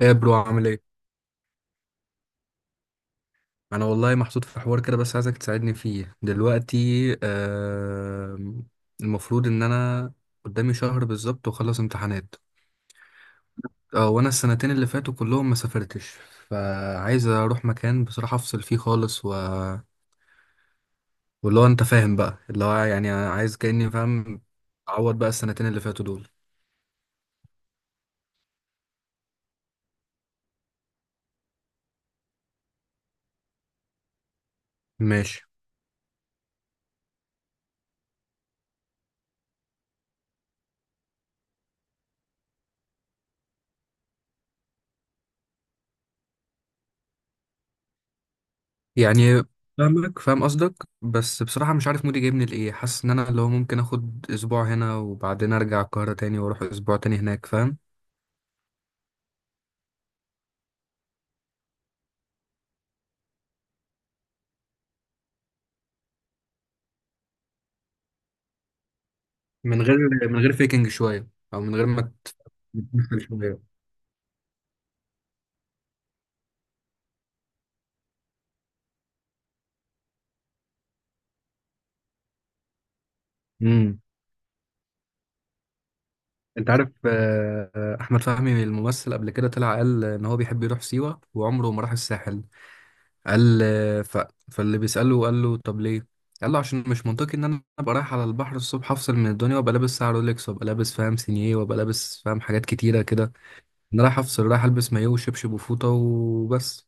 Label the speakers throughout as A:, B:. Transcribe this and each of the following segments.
A: ايه يا برو، عامل ايه؟ انا والله محطوط في حوار كده، بس عايزك تساعدني فيه دلوقتي. آه. المفروض ان انا قدامي شهر بالظبط واخلص امتحانات. اه وانا السنتين اللي فاتوا كلهم ما سافرتش. فعايز اروح مكان بصراحة افصل فيه خالص واللي هو انت فاهم بقى، اللي هو يعني عايز كأني فاهم اعوض بقى السنتين اللي فاتوا دول. ماشي. يعني فاهمك، فاهم قصدك. بس بصراحة مش عارف مودي جايبني لإيه، حاسس إن أنا اللي هو ممكن آخد أسبوع هنا وبعدين أرجع القاهرة تاني وأروح أسبوع تاني هناك، فاهم؟ من غير فيكنج شوية، أو من غير ما تمثل شوية. امم أنت عارف، أحمد فهمي الممثل قبل كده طلع قال إن هو بيحب يروح سيوة وعمره ما راح الساحل. قال آه، فاللي بيسأله قال له طب ليه؟ قال له عشان مش منطقي ان انا ابقى رايح على البحر الصبح افصل من الدنيا وابقى لابس ساعه رولكس، وابقى لابس فاهم سينيه، وابقى لابس فاهم حاجات كتيره كده. انا رايح افصل، رايح البس مايو وشبشب وفوطه وبس.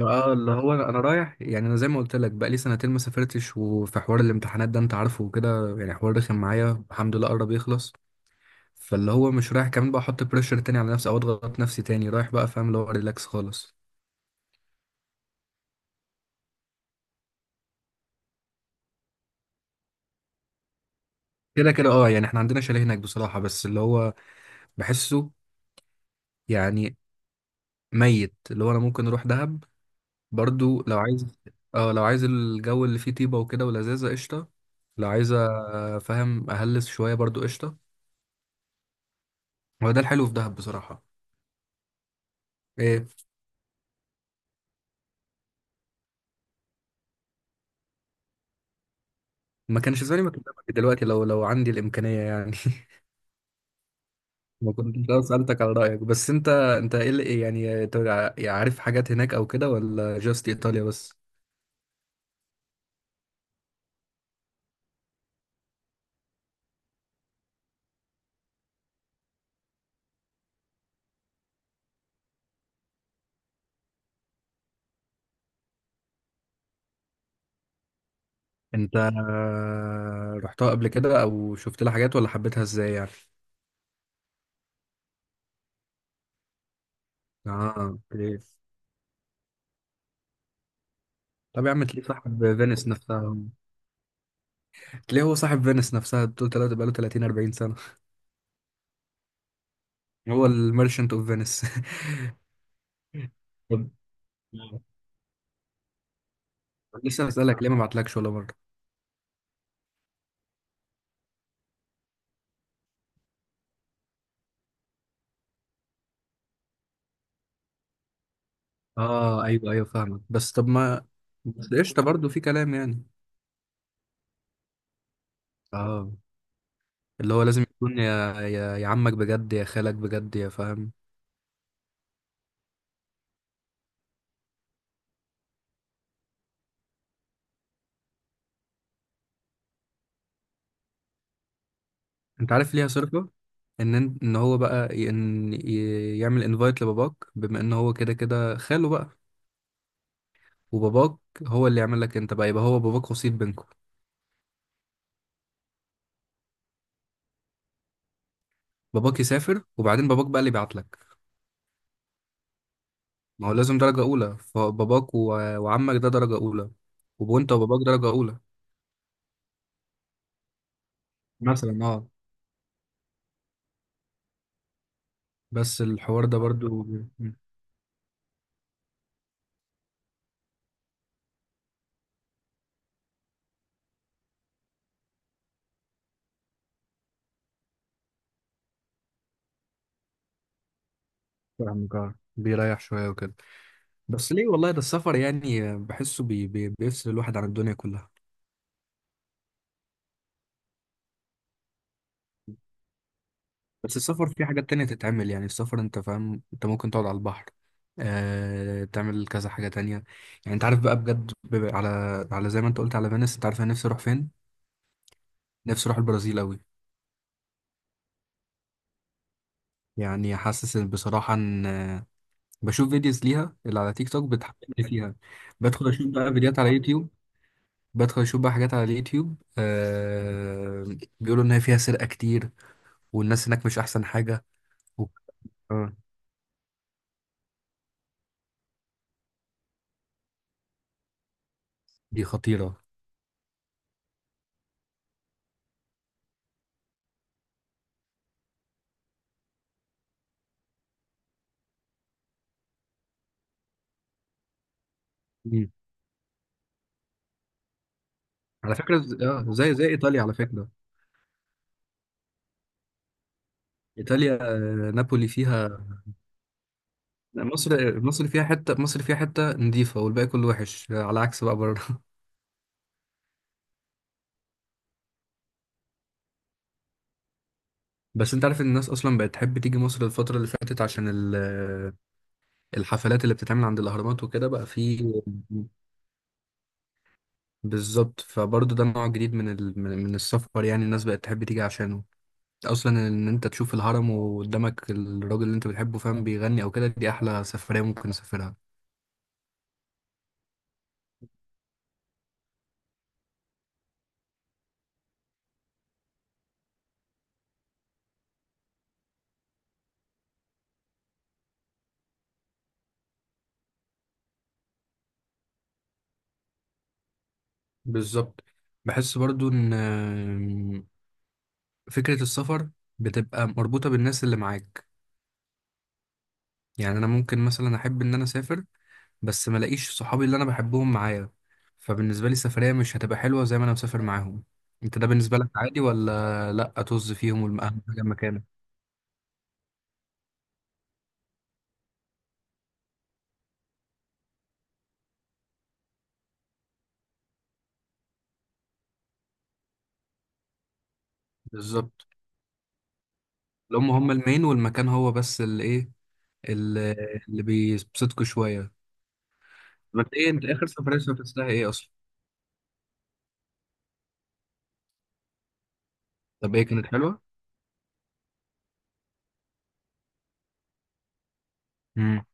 A: اللي هو انا رايح، يعني انا زي ما قلت لك بقى لي سنتين ما سافرتش، وفي حوار الامتحانات ده انت عارفه وكده، يعني حوار رخم معايا، الحمد لله قرب يخلص. فاللي هو مش رايح كمان بقى احط بريشر تاني على نفسي او اضغط نفسي تاني، رايح بقى فاهم اللي هو ريلاكس خالص. كده كده، يعني احنا عندنا شاليه هناك بصراحه، بس اللي هو بحسه، يعني ميت، اللي هو انا ممكن اروح دهب برضو لو عايز. اه لو عايز الجو اللي فيه طيبة وكده ولذاذة، قشطة. لو عايز فاهم أهلس شوية برضو، قشطة. هو ده الحلو في دهب بصراحة. ايه؟ ما كانش زماني، ما كنت دلوقتي لو عندي الإمكانية يعني ما كنت لو سألتك على رأيك. بس انت ايه اللي ايه، يعني انت عارف حاجات هناك او كده، ولا جاست ايطاليا بس؟ انت رحتها قبل كده او شفت لها حاجات، ولا حبيتها ازاي يعني؟ اه اوكي. طب يا عم تلاقيه صاحب فينيس نفسها، تلاقيه هو صاحب فينيس نفسها، بتقول تلاتة بقاله 30 40 سنة. هو الميرشنت اوف فينيس طب لسه بسألك ليه ما بعتلكش ولا مرة. اه ايوه، ايوه، فاهمك. بس طب ما، بس قشطة برضه، في كلام يعني. اه اللي هو لازم يكون يا عمك بجد، يا خالك بجد، يا فاهم. انت عارف ليها صرفة؟ ان ان إن هو بقى يعمل انفايت لباباك، بما ان هو كده كده خاله بقى، وباباك هو اللي يعمل لك انت بقى، يبقى هو باباك وسيط بينكم. باباك يسافر وبعدين باباك بقى اللي يبعت لك. ما هو لازم درجة أولى، فباباك وعمك ده درجة أولى، وأنت وباباك درجة أولى. مثلا اه. بس الحوار ده برضو فاهمك آه. بيريح شوية وكده. بس ليه والله، ده السفر يعني بحسه بي بي بيفصل الواحد عن الدنيا كلها. بس السفر فيه حاجات تانية تتعمل، يعني السفر أنت فاهم، أنت ممكن تقعد على البحر، تعمل كذا حاجة تانية. يعني أنت عارف بقى بجد، على زي ما أنت قلت على فينيس. أنت عارف أنا نفسي أروح فين؟ نفسي أروح البرازيل أوي. يعني حاسس إن بصراحة إن، بشوف فيديوز ليها اللي على تيك توك بتحببني فيها. بدخل اشوف بقى فيديوهات على يوتيوب. بدخل اشوف بقى حاجات على اليوتيوب بيقولوا ان هي فيها سرقة كتير، والناس هناك مش احسن حاجة و... آه دي خطيرة. مم. على فكرة، زي ايطاليا على فكرة. ايطاليا نابولي فيها. مصر فيها حتة نظيفة والباقي كله وحش، على عكس بقى بره بس انت عارف ان الناس اصلا بقت تحب تيجي مصر الفترة اللي فاتت عشان الحفلات اللي بتتعمل عند الاهرامات وكده بقى في. بالظبط، فبرضه ده نوع جديد من ال... من من السفر، يعني الناس بقت تحب تيجي عشانه. اصلا ان انت تشوف الهرم وقدامك الراجل اللي انت بتحبه فاهم، بيغني او كده، دي احلى سفرية ممكن اسافرها. بالظبط. بحس برضو ان فكرة السفر بتبقى مربوطة بالناس اللي معاك. يعني انا ممكن مثلا احب ان انا اسافر، بس ما الاقيش صحابي اللي انا بحبهم معايا، فبالنسبة لي السفرية مش هتبقى حلوة زي ما انا مسافر معاهم. انت ده بالنسبة لك عادي ولا لا، طز فيهم واهم حاجة مكانك؟ بالظبط، اللي هم هم المين والمكان هو بس اللي ايه، اللي, اللي بيبسطكوا شويه. بس ايه انت اخر سفريه سافرتها ايه اصلا؟ طب ايه، كانت حلوه؟ امم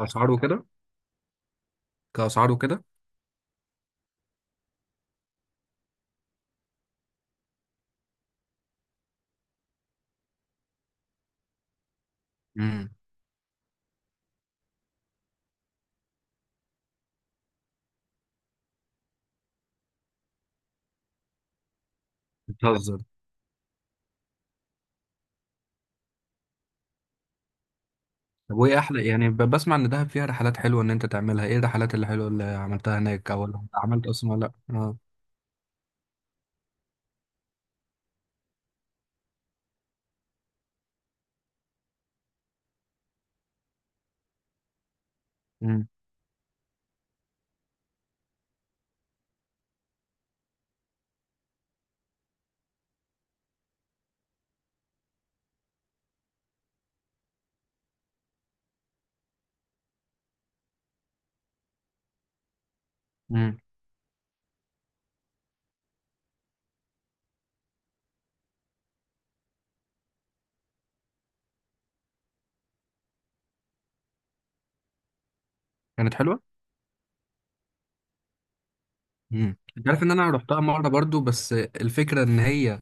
A: اسعار وكده. كاسعار وكده. امم بتهزر. طب وايه احلى، يعني بسمع ان دهب فيها رحلات حلوه ان انت تعملها، ايه الرحلات اللي حلوه اللي عملتها هناك او اللي عملت اصلا ولا لا؟ اه امم امم كانت حلوه. انت عارف ان انا رحتها مره برضو، بس الفكره ان هي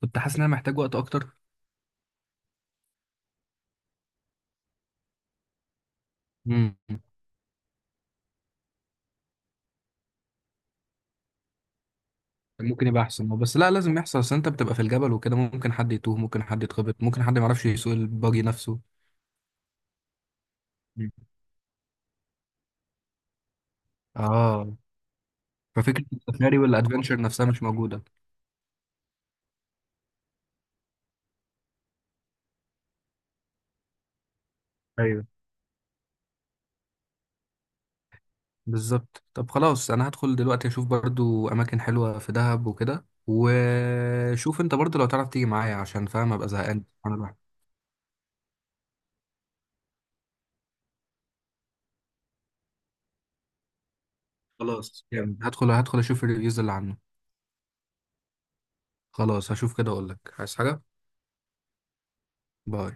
A: كنت حاسس ان انا محتاج وقت اكتر. ممكن يبقى احسن، بس لا لازم يحصل، اصل انت بتبقى في الجبل وكده، ممكن حد يتوه، ممكن حد يتخبط، ممكن حد ما يعرفش يسوق الباجي نفسه. مم. اه ففكرة السفاري والادفنتشر نفسها مش موجودة. ايوه، بالظبط. طب خلاص انا هدخل دلوقتي اشوف برضو اماكن حلوة في دهب وكده، وشوف انت برضو لو تعرف تيجي معايا، عشان فاهم ابقى زهقان انا لوحدي. خلاص، جامد، هدخل اشوف الريفيوز اللي عنه. خلاص هشوف كده اقول لك، عايز حاجة. باي.